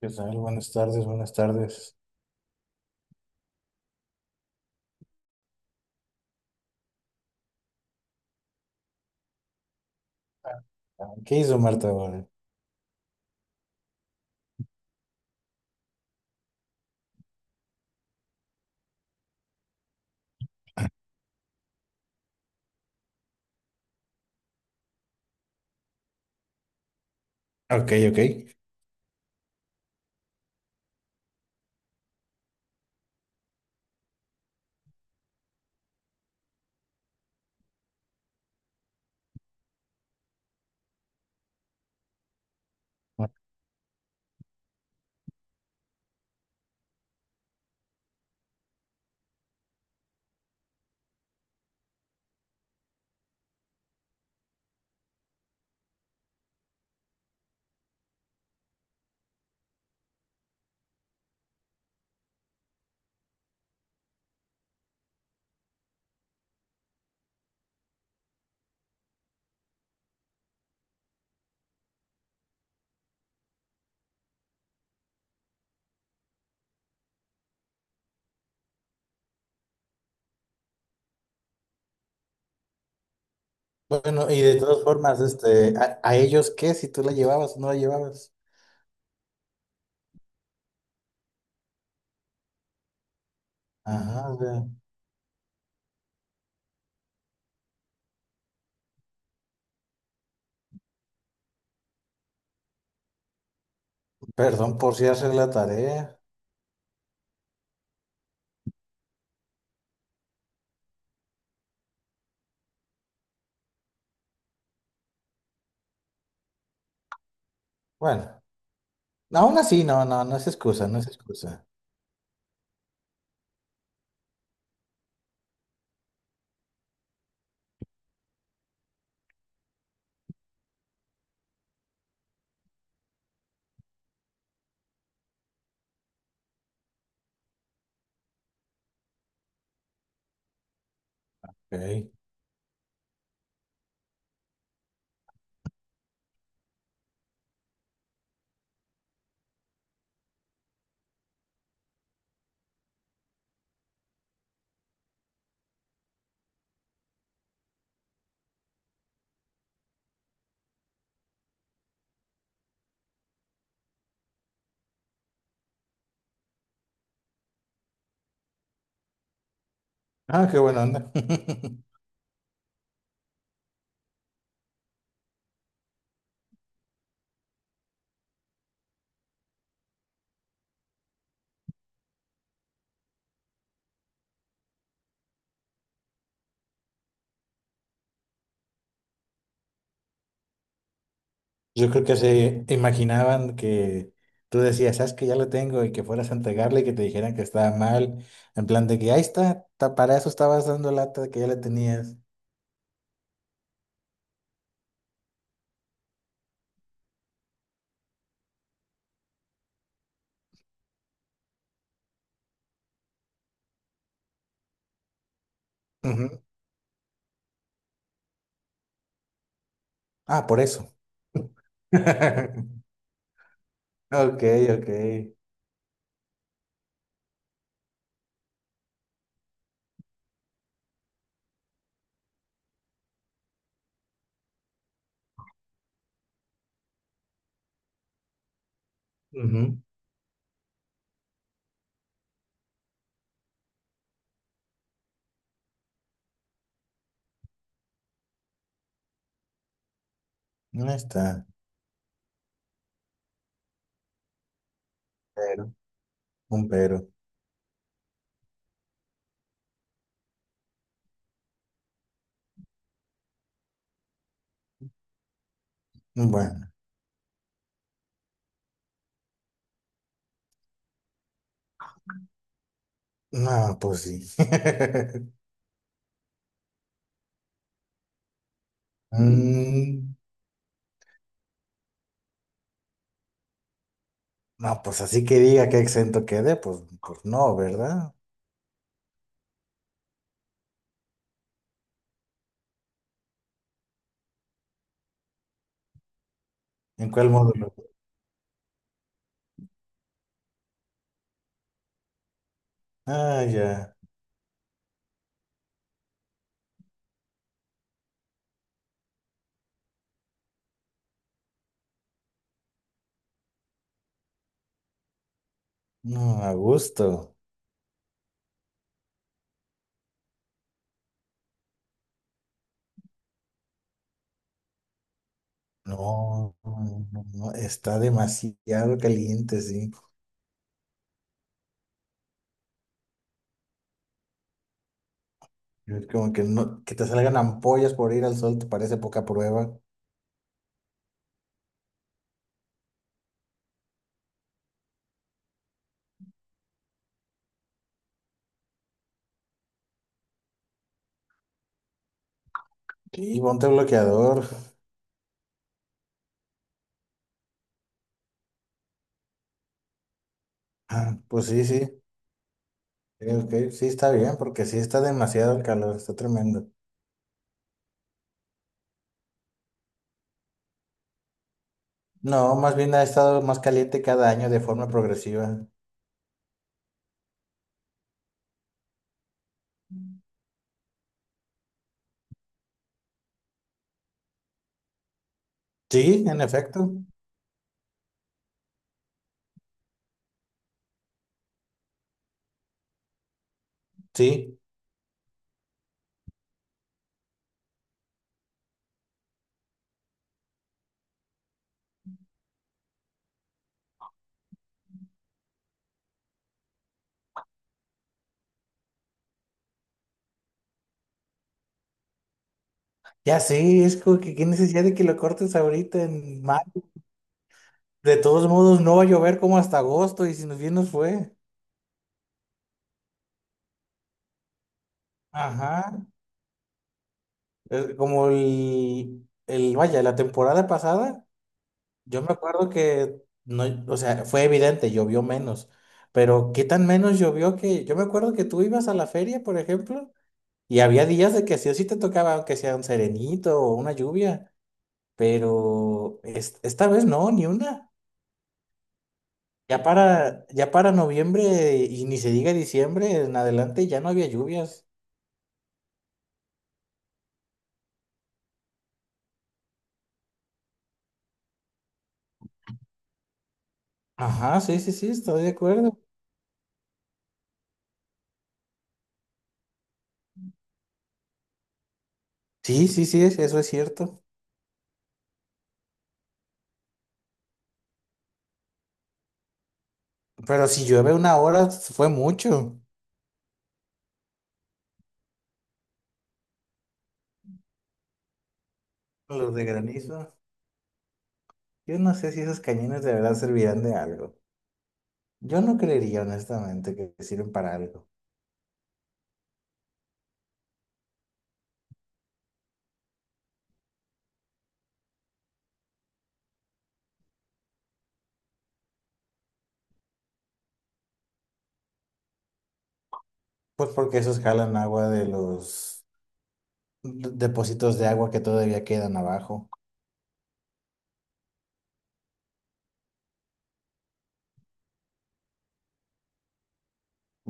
¿Qué tal? Buenas tardes, buenas tardes. Ah, ¿qué hizo Marta ahora? Ok, ok. Bueno, y de todas formas, este, a ellos qué? Si tú la llevabas o no la llevabas. Ajá, o sea, perdón por si hacer la tarea. Bueno, no, aún así, no, no, no es excusa, no es excusa. Ok. Ah, qué buena onda. Yo creo que se imaginaban que tú decías, sabes que ya lo tengo y que fueras a entregarle y que te dijeran que estaba mal, en plan de que ahí está, para eso estabas dando lata de que ya la tenías. Ah, por eso. Ok, ok. Ujú. No está. Pero, un pero. Bueno, no, pues sí. Mm, no, pues así que diga que exento quede, pues, pues no, ¿verdad? ¿En cuál módulo? Ah, ya. No, a gusto. No, no, no, no, está demasiado caliente, sí. Es como que no, que te salgan ampollas por ir al sol, te parece poca prueba. Sí, ponte bloqueador. Ah, pues sí, sí. Sí, ok, sí está bien, porque sí está demasiado el calor, está tremendo. No, más bien ha estado más caliente cada año de forma progresiva. Sí, en efecto, sí. Ya sí, es como que qué necesidad de que lo cortes ahorita en mayo. De todos modos, no va a llover como hasta agosto y si nos bien nos fue. Ajá. Es como el, vaya, la temporada pasada, yo me acuerdo que no, o sea, fue evidente, llovió menos. Pero qué tan menos llovió que, yo me acuerdo que tú ibas a la feria, por ejemplo. Y había días de que sí o sí te tocaba, aunque sea un serenito o una lluvia, pero esta vez no, ni una. Ya para, ya para noviembre y ni se diga diciembre, en adelante ya no había lluvias. Ajá, sí, sí, sí, estoy de acuerdo. Sí, sí, sí, eso es cierto. Pero si llueve una hora, fue mucho. Los de granizo. Yo no sé si esos cañones de verdad servirán de algo. Yo no creería honestamente que sirven para algo. Pues porque esos jalan agua de los depósitos de agua que todavía quedan abajo.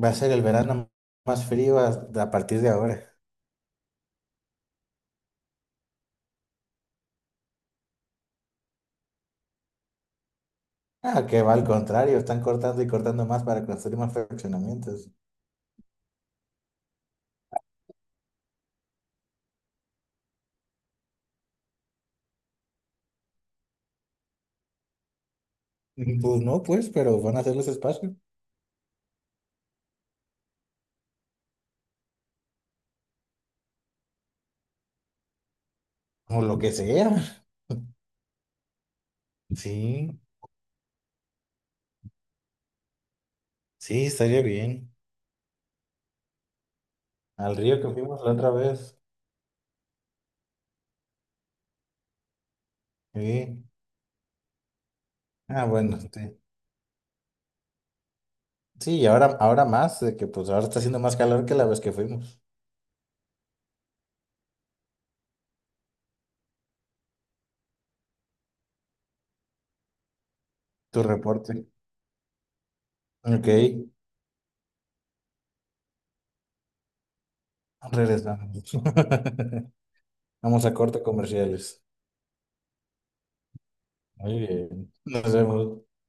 Va a ser el verano más frío a partir de ahora. Ah, que va al contrario, están cortando y cortando más para construir más fraccionamientos. Pues no, pues, pero van a hacer los espacios. O lo que sea. Sí, sí, estaría bien. Al río que fuimos la otra vez. Sí. Ah, bueno, sí. Sí, y ahora, ahora más, de que pues ahora está haciendo más calor que la vez que fuimos. Tu reporte. Ok, regresamos. Vamos a corte comerciales. Muy bien. Nos vemos.